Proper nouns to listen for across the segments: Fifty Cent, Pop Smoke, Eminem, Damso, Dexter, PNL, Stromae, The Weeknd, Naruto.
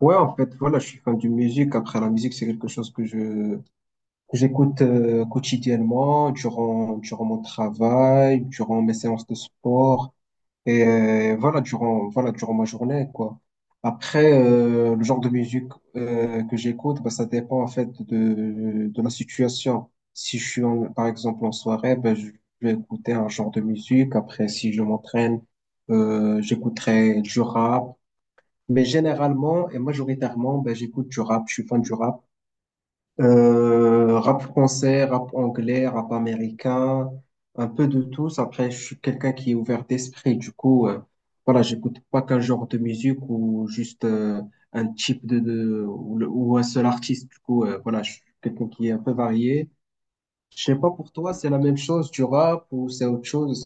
Ouais, en fait, voilà, je suis fan de musique. Après, la musique, c'est quelque chose que j'écoute quotidiennement, durant mon travail, durant mes séances de sport, et voilà, durant ma journée, quoi. Après, le genre de musique que j'écoute, bah, ça dépend en fait de la situation. Si je suis par exemple en soirée, ben je vais écouter un genre de musique. Après, si je m'entraîne, j'écouterai du rap. Mais généralement et majoritairement, ben, j'écoute du rap, je suis fan du rap. Rap français, rap anglais, rap américain, un peu de tous. Après, je suis quelqu'un qui est ouvert d'esprit. Du coup, voilà, j'écoute pas qu'un genre de musique ou juste un type de ou, ou un seul artiste. Du coup, voilà, je suis quelqu'un qui est un peu varié. Je sais pas pour toi, c'est la même chose du rap ou c'est autre chose?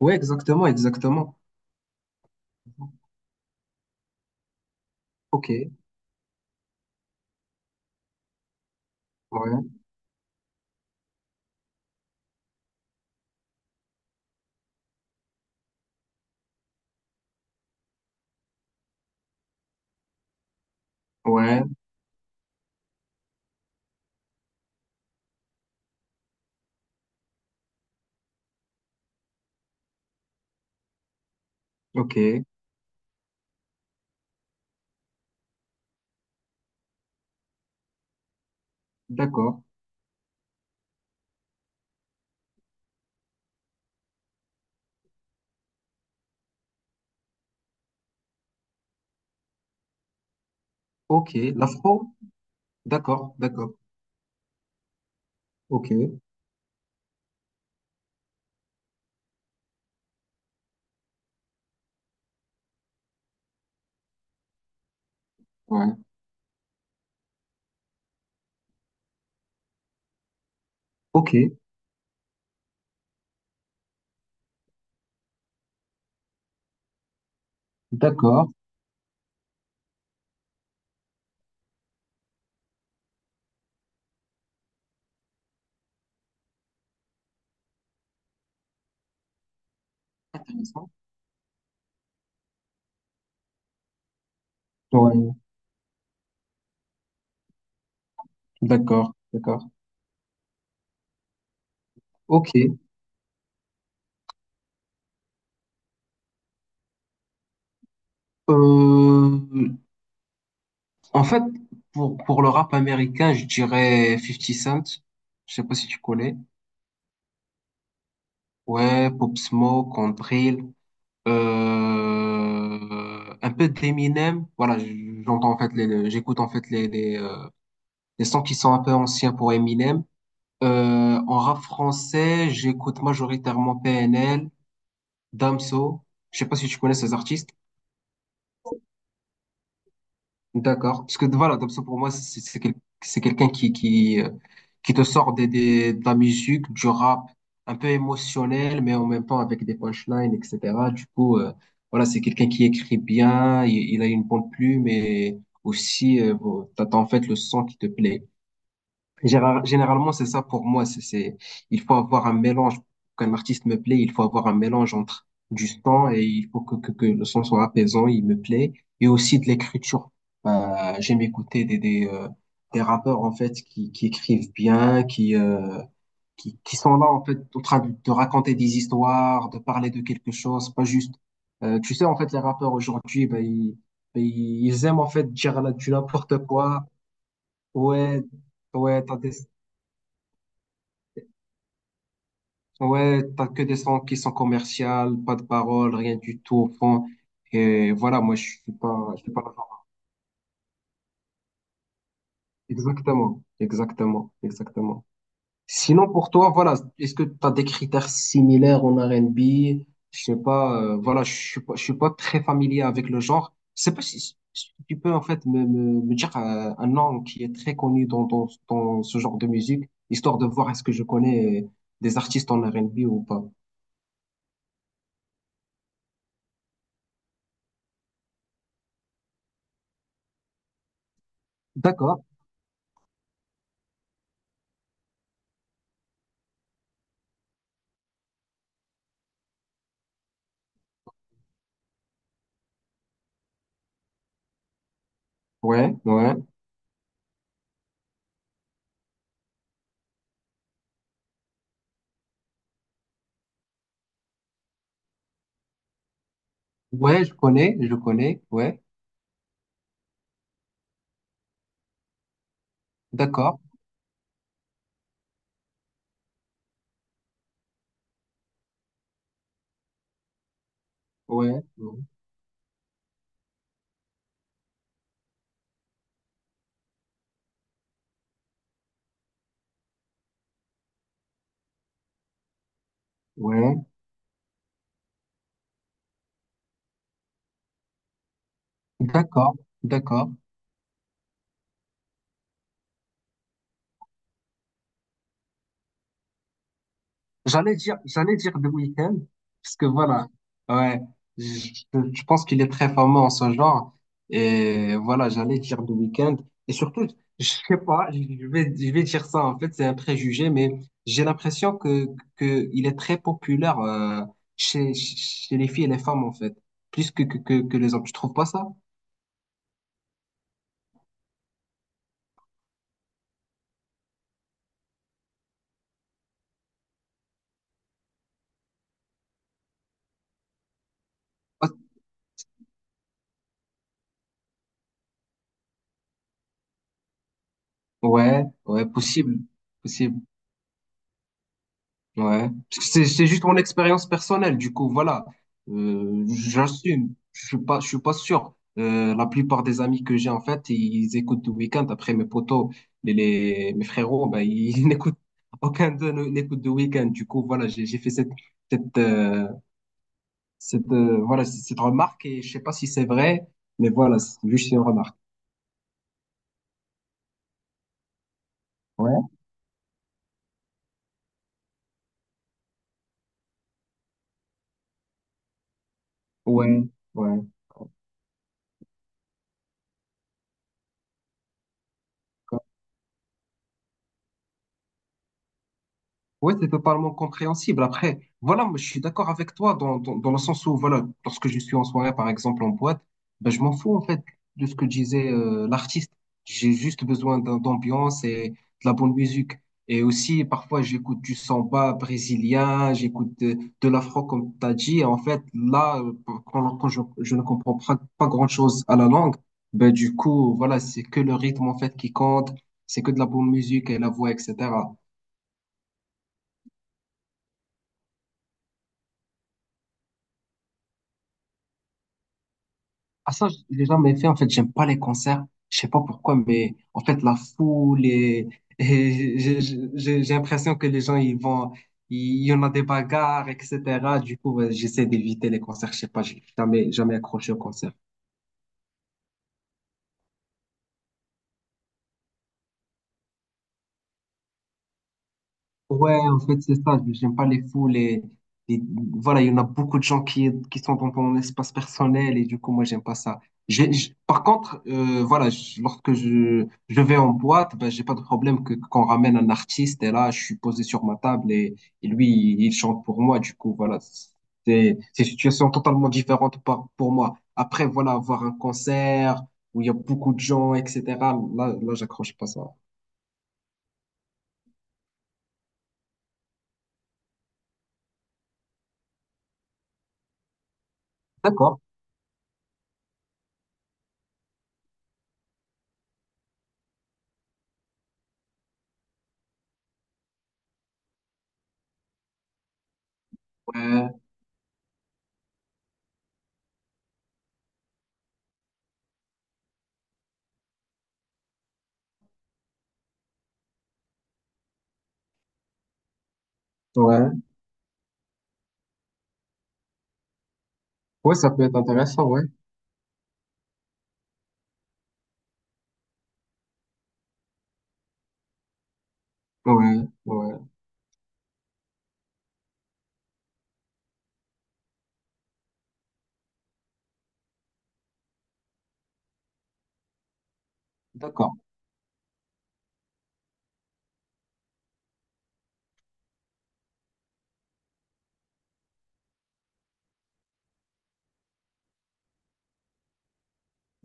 Ouais, exactement, exactement. Ok, ouais, ouais, ok, d'accord. Ok, l'afro? D'accord, d'accord. Ok, ouais. Ok, d'accord. Intéressant. Ouais, d'accord, d'accord. Ok. Euh, En fait, pour le rap américain, je dirais Fifty Cent. Je sais pas si tu connais. Ouais, Pop Smoke, on Drill. Un peu d'Eminem. Voilà, j'entends en fait j'écoute en fait les, les, les sons qui sont un peu anciens pour Eminem. En rap français, j'écoute majoritairement PNL. Damso, je sais pas si tu connais ces artistes. D'accord. Parce que voilà, Damso pour moi, c'est c'est quelqu'un qui te sort de la musique, du rap, un peu émotionnel, mais en même temps avec des punchlines, etc. Du coup, voilà, c'est quelqu'un qui écrit bien, il a une bonne plume et aussi, bon, t'as en fait le son qui te plaît. Généralement, c'est ça pour moi. Il faut avoir un mélange. Pour qu'un artiste me plaît, il faut avoir un mélange entre du son et il faut que le son soit apaisant, il me plaît, et aussi de l'écriture. J'aime écouter des rappeurs, en fait, qui écrivent bien, qui sont là, en fait, en train de raconter des histoires, de parler de quelque chose, pas juste. Tu sais, en fait, les rappeurs aujourd'hui, ben, ils aiment, en fait, dire là, du n'importe quoi. Ouais, ouais, t'as des... Ouais, t'as que des sons qui sont commerciales, pas de paroles, rien du tout au fond. Et voilà, moi, je suis pas le genre. Exactement, exactement, exactement. Sinon, pour toi, voilà, est-ce que t'as des critères similaires en RNB? Je sais pas, voilà, je suis pas très familier avec le genre. Je sais pas si, si tu peux, en fait, me dire un nom qui est très connu dans ce genre de musique, histoire de voir est-ce que je connais des artistes en RNB ou pas. D'accord. Ouais, ouais. Ouais, je connais, ouais, d'accord, ouais, ouais, ouais, d'accord, d'accord. J'allais dire The Weeknd, parce que voilà, ouais, je, je pense qu'il est très fameux en ce genre. Et voilà, j'allais dire The Weeknd. Et surtout, je sais pas, je vais dire ça, en fait, c'est un préjugé, mais j'ai l'impression que il est très populaire chez, chez les filles et les femmes, en fait, plus que les hommes. Tu trouves pas ça? Ouais, ouais, possible, possible, ouais. Parce que c'est juste mon expérience personnelle, du coup, voilà. J'assume. Je suis pas sûr. La plupart des amis que j'ai, en fait, ils écoutent du week-end. Après, mes potos, mes frérots, ben, ils n'écoutent, aucun d'eux n'écoute de week-end. Du coup, voilà, j'ai fait cette, cette, euh, voilà, cette remarque et je sais pas si c'est vrai, mais voilà, c'est juste une remarque. Ouais. Ouais, ouais. Oui, c'est totalement compréhensible. Après, voilà, moi, je suis d'accord avec toi dans le sens où, voilà, lorsque je suis en soirée, par exemple, en boîte, ben, je m'en fous, en fait, de ce que disait l'artiste. J'ai juste besoin d'ambiance et de la bonne musique. Et aussi, parfois, j'écoute du samba brésilien, j'écoute de l'afro, comme tu as dit. Et en fait, là, quand je ne comprends pas, pas grand-chose à la langue, ben, du coup, voilà, c'est que le rythme, en fait, qui compte, c'est que de la bonne musique et la voix, etc. Ah ça, je l'ai jamais fait. En fait, j'aime pas les concerts. Je sais pas pourquoi, mais en fait, la foule et, et j'ai l'impression que les gens, ils vont, il y en a des bagarres, etc. Du coup, ouais, j'essaie d'éviter les concerts. Je sais pas, j'ai jamais, jamais accroché au concert. Ouais, en fait, c'est ça. J'aime pas les fous, les- voilà, il y en a beaucoup de gens qui sont dans ton espace personnel et du coup, moi, j'aime pas ça. Par contre, voilà, lorsque je vais en boîte, ben, j'ai pas de problème que qu'on ramène un artiste et là, je suis posé sur ma table et lui, il chante pour moi. Du coup, voilà, c'est une situation totalement différente pour moi. Après, voilà, avoir un concert où il y a beaucoup de gens, etc. J'accroche pas ça. D'accord. Ouais, ouais. Ouais, ça peut être intéressant, ouais. Ouais, ouais. D'accord.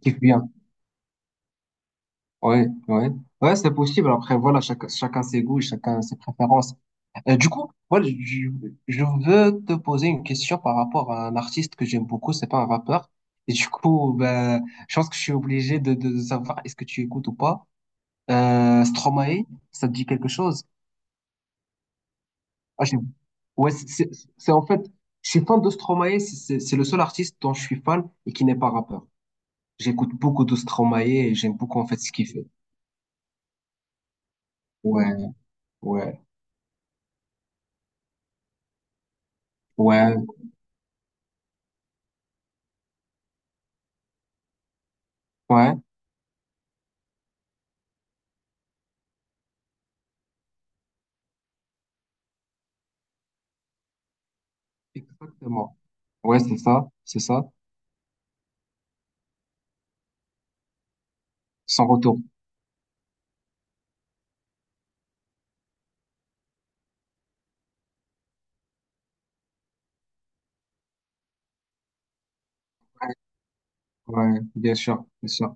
Kiffe bien. Ouais, ouais. Ouais, c'est possible. Après, voilà, chacun ses goûts, chacun ses préférences. Du coup, voilà, je veux te poser une question par rapport à un artiste que j'aime beaucoup, c'est pas un rappeur. Et du coup, ben, je pense que je suis obligé de savoir est-ce que tu écoutes ou pas. Stromae, ça te dit quelque chose? Ah, ouais, c'est en fait, je suis fan de Stromae, c'est le seul artiste dont je suis fan et qui n'est pas rappeur. J'écoute beaucoup de Stromae et j'aime beaucoup en fait ce qu'il fait. Ouais, ouais, ouais, ouais, exactement. Ouais, c'est ça, c'est ça. Sans retour. Ouais, ouais, bien sûr, bien sûr,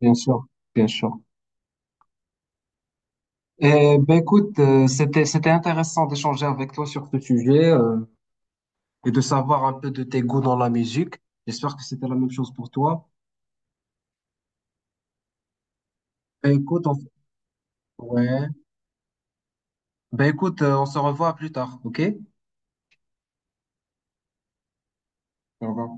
bien sûr, bien sûr. Eh ben écoute, c'était intéressant d'échanger avec toi sur ce sujet et de savoir un peu de tes goûts dans la musique. J'espère que c'était la même chose pour toi. Ben écoute, on... ouais. Ben écoute, on se revoit plus tard, ok? Au revoir.